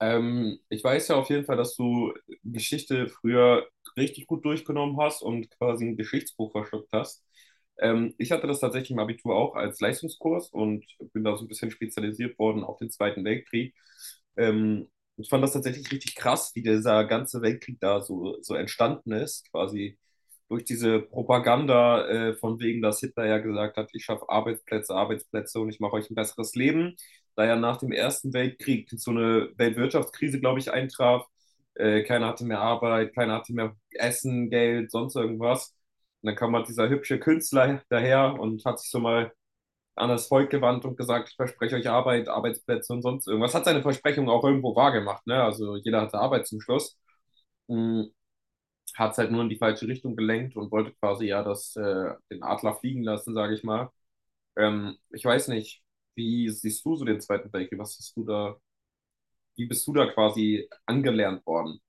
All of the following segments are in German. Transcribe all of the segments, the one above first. Ich weiß ja auf jeden Fall, dass du Geschichte früher richtig gut durchgenommen hast und quasi ein Geschichtsbuch verschluckt hast. Ich hatte das tatsächlich im Abitur auch als Leistungskurs und bin da so ein bisschen spezialisiert worden auf den Zweiten Weltkrieg. Ähm, Ich fand das tatsächlich richtig krass, wie dieser ganze Weltkrieg da so entstanden ist, quasi durch diese Propaganda, von wegen, dass Hitler ja gesagt hat, ich schaffe Arbeitsplätze, Arbeitsplätze und ich mache euch ein besseres Leben, da ja nach dem Ersten Weltkrieg so eine Weltwirtschaftskrise, glaube ich, eintraf. Keiner hatte mehr Arbeit, keiner hatte mehr Essen, Geld, sonst irgendwas. Und dann kam halt dieser hübsche Künstler daher und hat sich so mal an das Volk gewandt und gesagt, ich verspreche euch Arbeit, Arbeitsplätze und sonst irgendwas. Hat seine Versprechung auch irgendwo wahrgemacht, ne? Also jeder hatte Arbeit zum Schluss. Hat es halt nur in die falsche Richtung gelenkt und wollte quasi ja das, den Adler fliegen lassen, sage ich mal. Ich weiß nicht, wie siehst du so den Zweiten Weltkrieg? Was hast du da, wie bist du da quasi angelernt worden?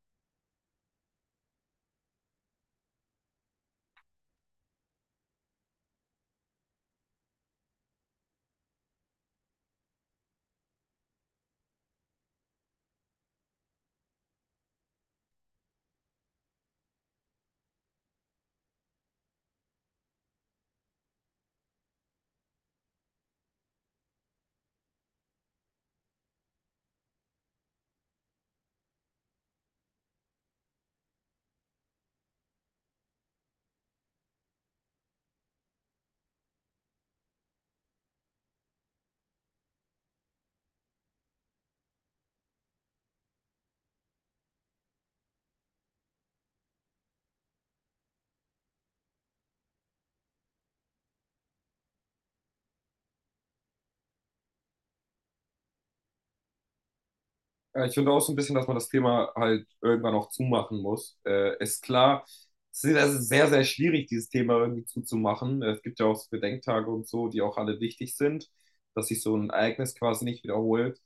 Ja, ich finde auch so ein bisschen, dass man das Thema halt irgendwann auch zumachen muss. Ist klar, es ist sehr, sehr schwierig, dieses Thema irgendwie zuzumachen. Es gibt ja auch so Bedenktage und so, die auch alle wichtig sind, dass sich so ein Ereignis quasi nicht wiederholt.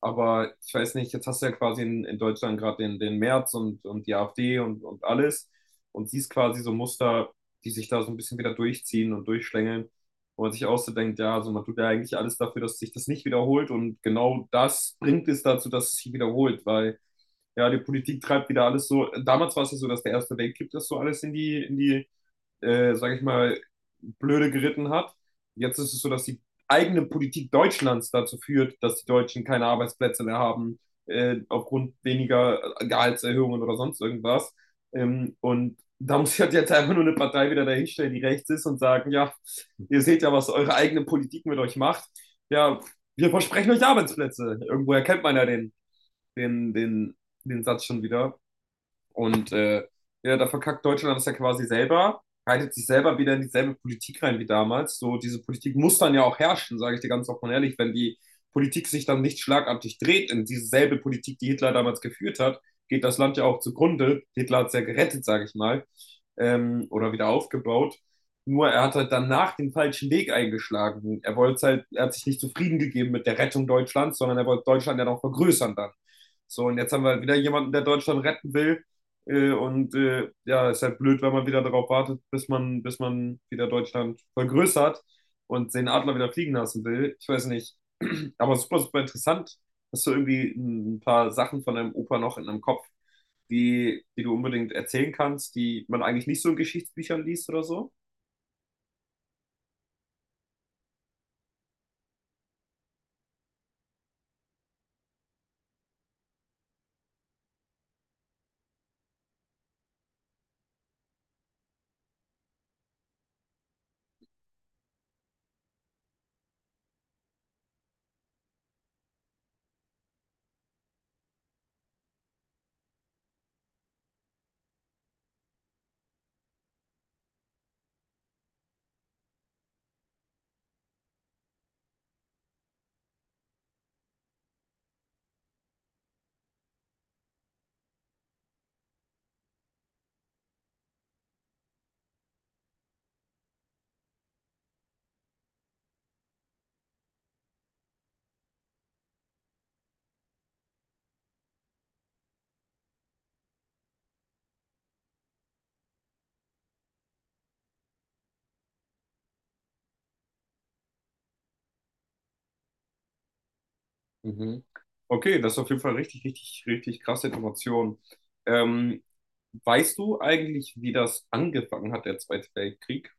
Aber ich weiß nicht, jetzt hast du ja quasi in Deutschland gerade den März und die AfD und alles und siehst quasi so Muster, die sich da so ein bisschen wieder durchziehen und durchschlängeln, wo man sich auch so denkt, ja, also man tut ja eigentlich alles dafür, dass sich das nicht wiederholt und genau das bringt es dazu, dass es sich wiederholt, weil ja, die Politik treibt wieder alles so. Damals war es ja so, dass der Erste Weltkrieg das so alles in die sage ich mal, blöde geritten hat. Jetzt ist es so, dass die eigene Politik Deutschlands dazu führt, dass die Deutschen keine Arbeitsplätze mehr haben, aufgrund weniger Gehaltserhöhungen oder sonst irgendwas. Und da muss ich halt jetzt einfach nur eine Partei wieder dahinstellen, die rechts ist und sagen, ja, ihr seht ja, was eure eigene Politik mit euch macht. Ja, wir versprechen euch Arbeitsplätze. Irgendwo erkennt man ja den, den, den Satz schon wieder. Und ja, da verkackt Deutschland das ja quasi selber, reitet sich selber wieder in dieselbe Politik rein wie damals. So, diese Politik muss dann ja auch herrschen, sage ich dir ganz offen und ehrlich. Wenn die Politik sich dann nicht schlagartig dreht in dieselbe Politik, die Hitler damals geführt hat, geht das Land ja auch zugrunde. Hitler hat es ja gerettet, sage ich mal, oder wieder aufgebaut. Nur er hat halt danach den falschen Weg eingeschlagen. Er wollte halt, er hat sich nicht zufrieden gegeben mit der Rettung Deutschlands, sondern er wollte Deutschland ja noch vergrößern dann. So, und jetzt haben wir halt wieder jemanden, der Deutschland retten will, ja, ist halt blöd, wenn man wieder darauf wartet, bis man wieder Deutschland vergrößert und den Adler wieder fliegen lassen will. Ich weiß nicht. Aber super, super interessant, hast du irgendwie ein paar Sachen von deinem Opa noch in deinem Kopf, die du unbedingt erzählen kannst, die man eigentlich nicht so in Geschichtsbüchern liest oder so. Mhm. Okay, das ist auf jeden Fall richtig, richtig, richtig krasse Information. Ähm, Weißt du eigentlich, wie das angefangen hat, der Zweite Weltkrieg?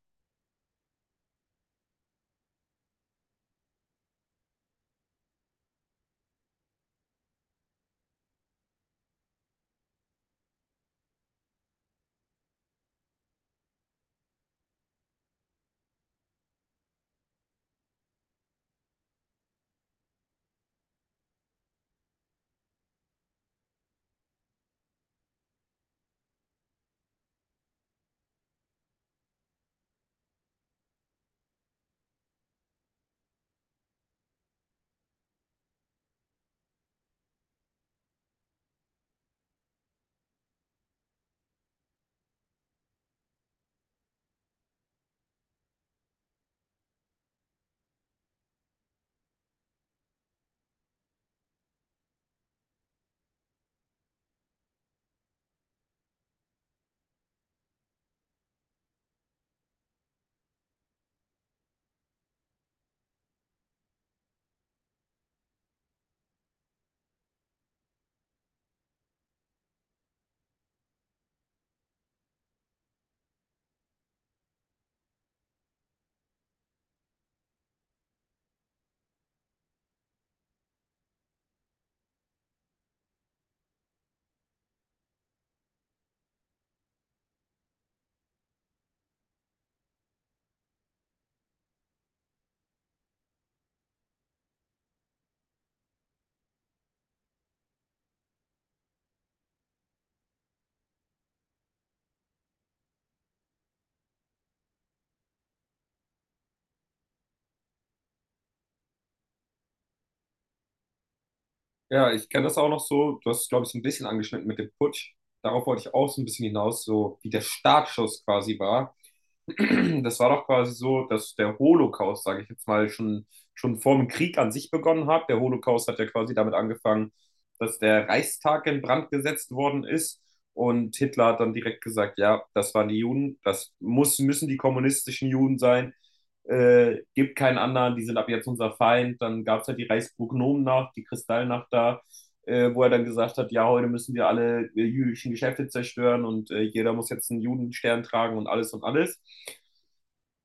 Ja, ich kenne das auch noch so. Du hast es, glaube ich, so ein bisschen angeschnitten mit dem Putsch. Darauf wollte ich auch so ein bisschen hinaus, so wie der Startschuss quasi war. Das war doch quasi so, dass der Holocaust, sage ich jetzt mal, schon vor dem Krieg an sich begonnen hat. Der Holocaust hat ja quasi damit angefangen, dass der Reichstag in Brand gesetzt worden ist. Und Hitler hat dann direkt gesagt, ja, das waren die Juden, das müssen die kommunistischen Juden sein, gibt keinen anderen, die sind ab jetzt unser Feind. Dann gab es halt die Reichsprognomennacht, die Kristallnacht da, wo er dann gesagt hat, ja, heute müssen wir alle jüdischen Geschäfte zerstören und jeder muss jetzt einen Judenstern tragen und alles und alles.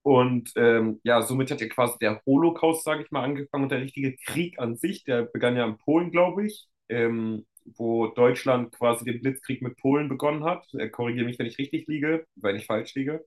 Und ja, somit hat ja quasi der Holocaust, sage ich mal, angefangen und der richtige Krieg an sich, der begann ja in Polen, glaube ich, wo Deutschland quasi den Blitzkrieg mit Polen begonnen hat. Korrigiere mich, wenn ich richtig liege, wenn ich falsch liege,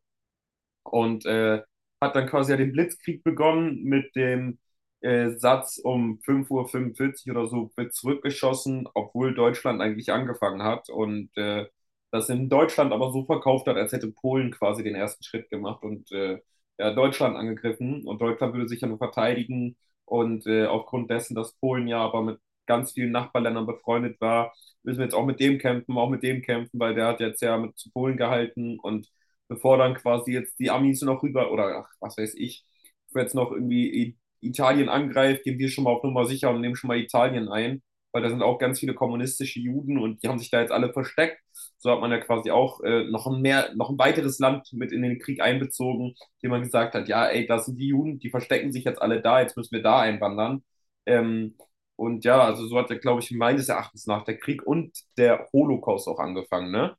und äh, hat dann quasi ja den Blitzkrieg begonnen mit dem Satz, um 5:45 Uhr oder so wird zurückgeschossen, obwohl Deutschland eigentlich angefangen hat das in Deutschland aber so verkauft hat, als hätte Polen quasi den ersten Schritt gemacht ja, Deutschland angegriffen und Deutschland würde sich ja nur verteidigen aufgrund dessen, dass Polen ja aber mit ganz vielen Nachbarländern befreundet war, müssen wir jetzt auch mit dem kämpfen, auch mit dem kämpfen, weil der hat jetzt ja mit zu Polen gehalten und bevor dann quasi jetzt die Amis noch rüber oder ach, was weiß ich, bevor jetzt noch irgendwie Italien angreift, gehen wir schon mal auf Nummer sicher und nehmen schon mal Italien ein, weil da sind auch ganz viele kommunistische Juden und die haben sich da jetzt alle versteckt. So hat man ja quasi auch noch ein weiteres Land mit in den Krieg einbezogen, dem man gesagt hat, ja, ey, da sind die Juden, die verstecken sich jetzt alle da, jetzt müssen wir da einwandern. Ähm, und ja, also so hat ja, glaube ich, meines Erachtens nach der Krieg und der Holocaust auch angefangen, ne?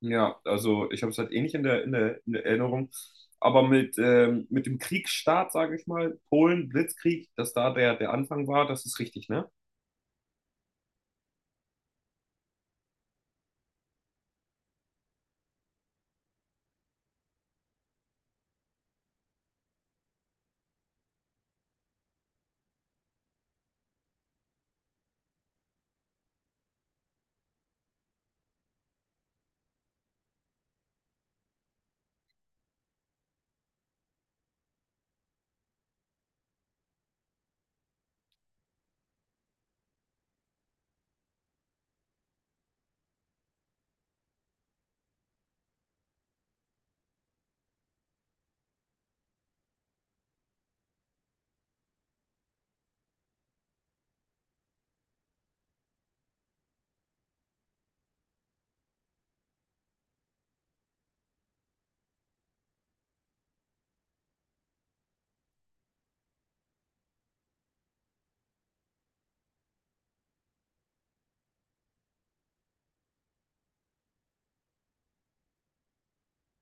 Ja, also ich habe es halt ähnlich in in der Erinnerung. Aber mit dem Kriegsstart, sage ich mal, Polen, Blitzkrieg, dass da der Anfang war, das ist richtig, ne?